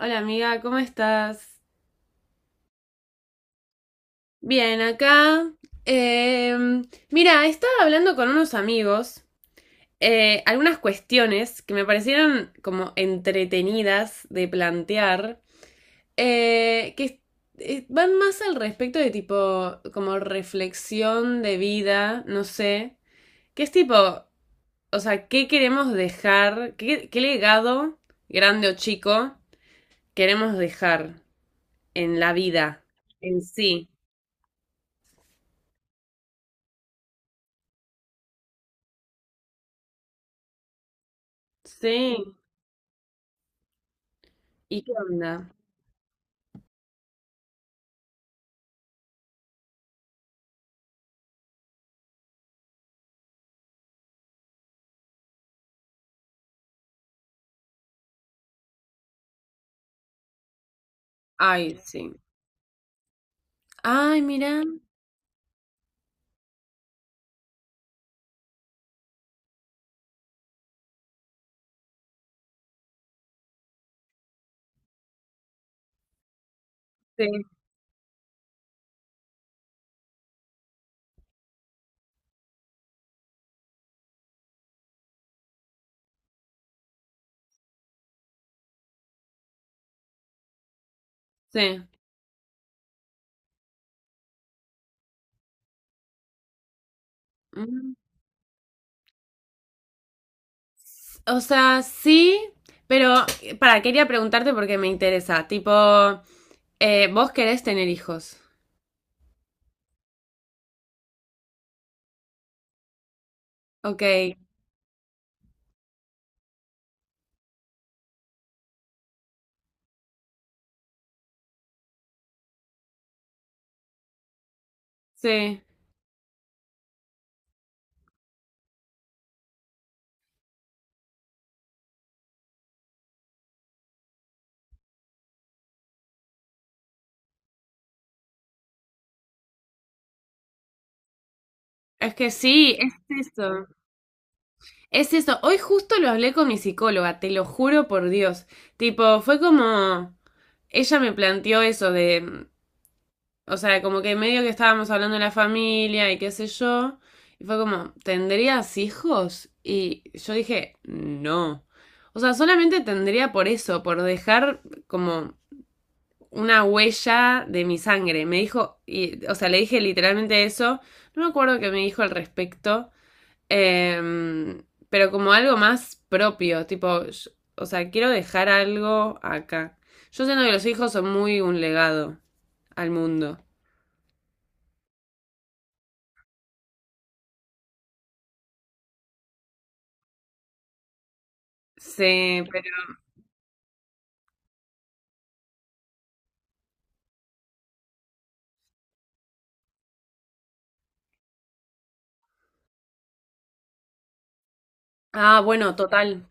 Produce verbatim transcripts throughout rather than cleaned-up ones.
Hola amiga, ¿cómo estás? Bien, acá. Em, Mira, estaba hablando con unos amigos eh, algunas cuestiones que me parecieron como entretenidas de plantear, eh, que eh, van más al respecto de tipo como reflexión de vida, no sé, que es tipo, o sea, ¿qué queremos dejar? ¿Qué, qué legado, grande o chico, queremos dejar en la vida en sí? Sí. ¿Y qué onda? Ay, sí. Ay, mira. Sí, sí. Mm. O sea, sí, pero eh, para, quería preguntarte porque me interesa. Tipo, eh, vos querés tener hijos. Ok, sí. Es que sí, es eso. Es eso. Hoy justo lo hablé con mi psicóloga, te lo juro por Dios. Tipo, fue como. Ella me planteó eso de. O sea, como que medio que estábamos hablando de la familia y qué sé yo. Y fue como, ¿tendrías hijos? Y yo dije, no. O sea, solamente tendría por eso, por dejar como una huella de mi sangre. Me dijo, y, o sea, le dije literalmente eso. No me acuerdo qué me dijo al respecto. Em, pero como algo más propio, tipo, yo- o sea, quiero dejar algo acá. Yo siento que los hijos son muy un legado al mundo. Sí, pero... Ah, bueno, total,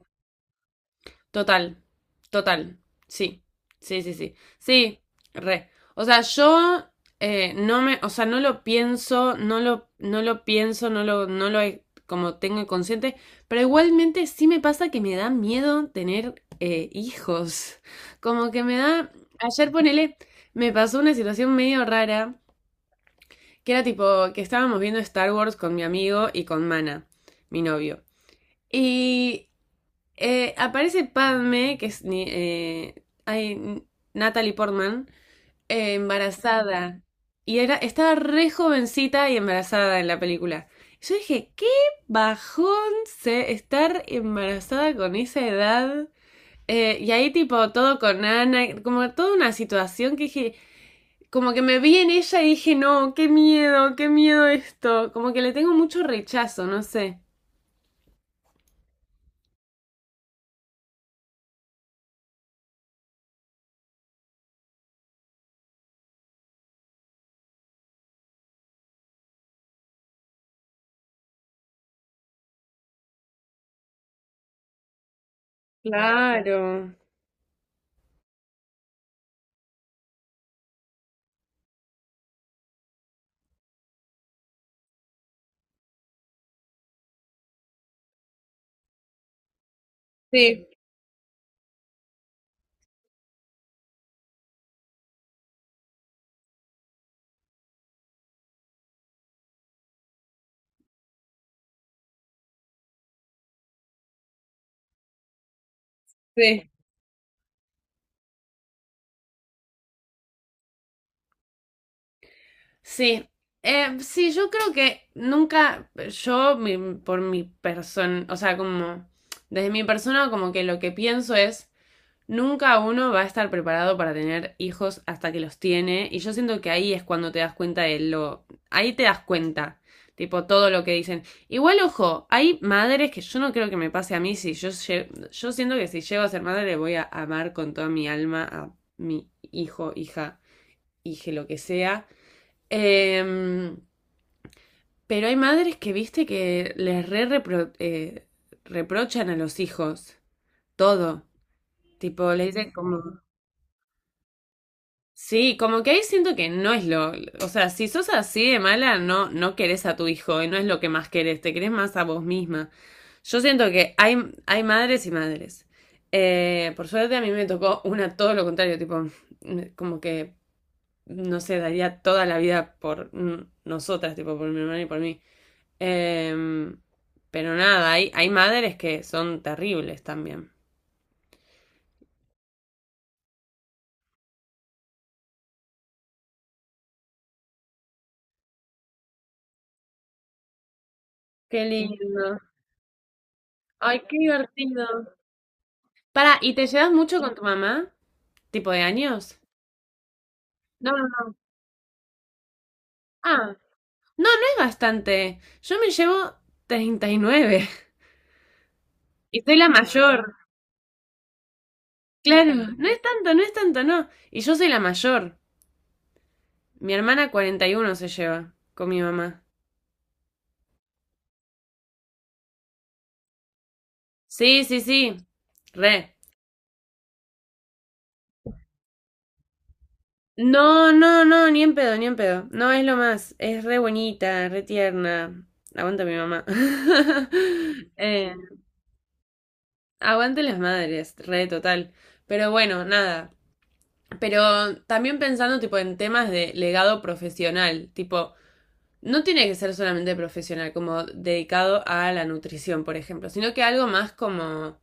total, total. Sí, sí, sí, sí. Sí, re. O sea, yo eh, no me, o sea, no lo pienso, no lo, no lo pienso, no lo, no lo he- como tengo consciente, pero igualmente sí me pasa que me da miedo tener eh, hijos. Como que me da, ayer ponele, me pasó una situación medio rara, que era tipo que estábamos viendo Star Wars con mi amigo y con Mana, mi novio. Y Eh, aparece Padme, que es ni- eh, ay, Natalie Portman, eh, embarazada. Y era, estaba re jovencita y embarazada en la película. Y yo dije, qué bajón se estar embarazada con esa edad. Eh, y ahí tipo todo con Ana, como toda una situación que dije, como que me vi en ella y dije, no, qué miedo, qué miedo esto. Como que le tengo mucho rechazo, no sé. Claro. Sí, sí. Sí, Eh, sí, yo creo que nunca, yo mi- por mi persona, o sea, como desde mi persona, como que lo que pienso es, nunca uno va a estar preparado para tener hijos hasta que los tiene, y yo siento que ahí es cuando te das cuenta de lo, ahí te das cuenta, tipo todo lo que dicen. Igual, ojo, hay madres que yo no creo que me pase a mí, si yo, lle- yo siento que si llego a ser madre voy a amar con toda mi alma a mi hijo, hija, hije, lo que sea. Em, pero hay madres que, viste, que les re repro- eh, reprochan a los hijos todo. Tipo, le dicen como... Sí, como que ahí siento que no es lo... O sea, si sos así de mala, no, no querés a tu hijo y no es lo que más querés, te querés más a vos misma. Yo siento que hay, hay madres y madres. Eh, por suerte a mí me tocó una todo lo contrario, tipo, me- como que, no sé, daría toda la vida por mm, nosotras, tipo, por mi hermana y por mí. Em, pero nada, hay, hay madres que son terribles también. Qué lindo. Ay, qué divertido. Para, ¿y te llevas mucho con tu mamá? ¿Tipo de años? No, no, no. Ah, no, no es bastante. Yo me llevo treinta y nueve y soy la mayor. Claro, no es tanto, no es tanto, no. Y yo soy la mayor. Mi hermana cuarenta y uno se lleva con mi mamá. Sí, sí, sí. Re. No, no, no, ni en pedo, ni en pedo. No es lo más. Es re bonita, re tierna. Aguanta mi mamá. Eh, Aguante las madres, re total. Pero bueno, nada. Pero también pensando tipo en temas de legado profesional, tipo, no tiene que ser solamente profesional, como dedicado a la nutrición, por ejemplo, sino que algo más como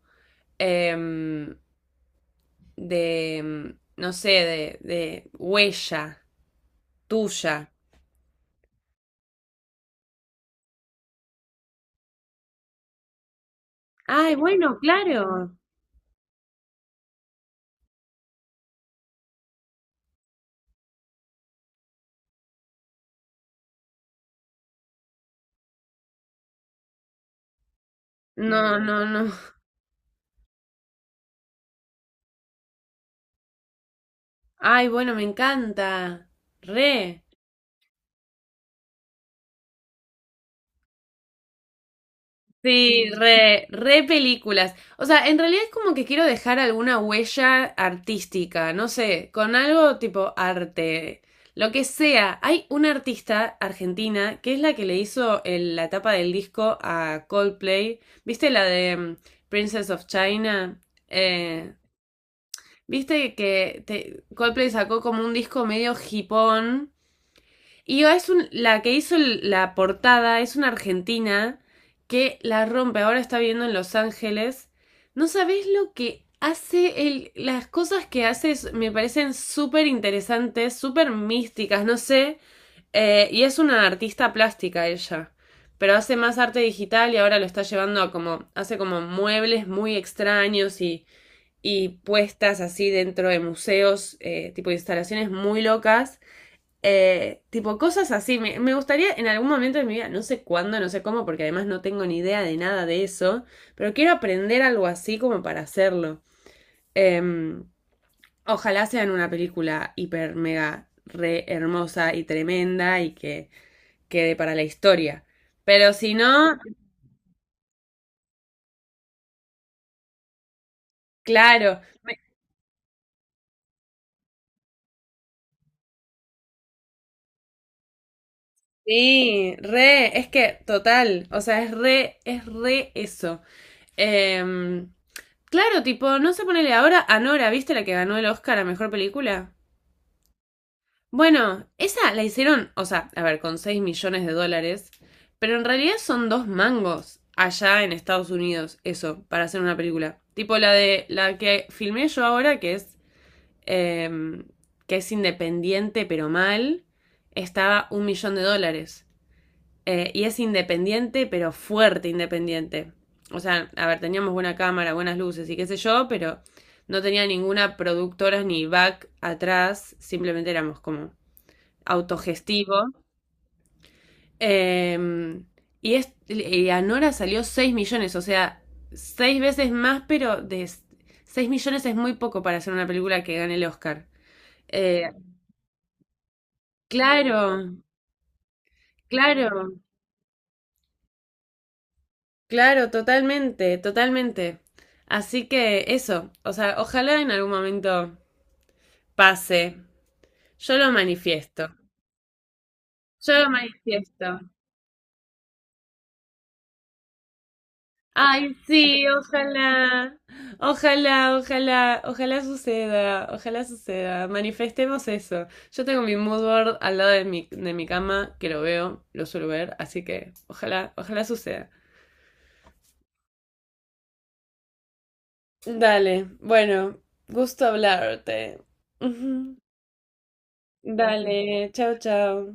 em, de, em, no sé, de, de huella tuya. Ay, bueno, claro. No, no, no. Ay, bueno, me encanta. Re. Sí, re, re películas. O sea, en realidad es como que quiero dejar alguna huella artística, no sé, con algo tipo arte, lo que sea. Hay una artista argentina que es la que le hizo el- la tapa del disco a Coldplay. ¿Viste la de mm, Princess of China? Eh, ¿Viste que te- Coldplay sacó como un disco medio hipón? Y es un- la que hizo la portada es una argentina que la rompe. Ahora está viviendo en Los Ángeles. No sabés lo que hace él. Las cosas que hace me parecen súper interesantes, súper místicas, no sé. Eh, y es una artista plástica ella. Pero hace más arte digital y ahora lo está llevando a como. Hace como muebles muy extraños y, y puestas así dentro de museos, eh, tipo instalaciones muy locas. Eh, tipo, cosas así. Me, me gustaría en algún momento de mi vida, no sé cuándo, no sé cómo, porque además no tengo ni idea de nada de eso, pero quiero aprender algo así como para hacerlo. Em, Ojalá sea en una película hiper, mega, re hermosa y tremenda y que quede para la historia. Pero si no, claro, me- sí, re, es que total, o sea, es re, es re eso. Em, claro, tipo, no se ponele ahora a Nora, ¿viste la que ganó el Oscar a Mejor Película? Bueno, esa la hicieron, o sea, a ver, con seis millones de dólares, pero en realidad son dos mangos allá en Estados Unidos, eso, para hacer una película. Tipo la de la que filmé yo ahora, que es, em, que es independiente pero mal, estaba un millón de dólares. Eh, y es independiente, pero fuerte independiente. O sea, a ver, teníamos buena cámara, buenas luces y qué sé yo, pero no tenía ninguna productora ni back atrás, simplemente éramos como autogestivo. Eh, y, es, y a Nora salió seis millones, o sea, seis veces más, pero de seis millones es muy poco para hacer una película que gane el Oscar. Eh, claro, claro. Claro, totalmente, totalmente. Así que eso, o sea, ojalá en algún momento pase. Yo lo manifiesto, yo lo manifiesto. Ay, sí, ojalá, ojalá, ojalá, ojalá suceda, ojalá suceda. Manifestemos eso. Yo tengo mi mood board al lado de mi, de mi cama, que lo veo, lo suelo ver, así que ojalá, ojalá suceda. Dale, bueno, gusto hablarte. Ujú. Dale, chao, chao.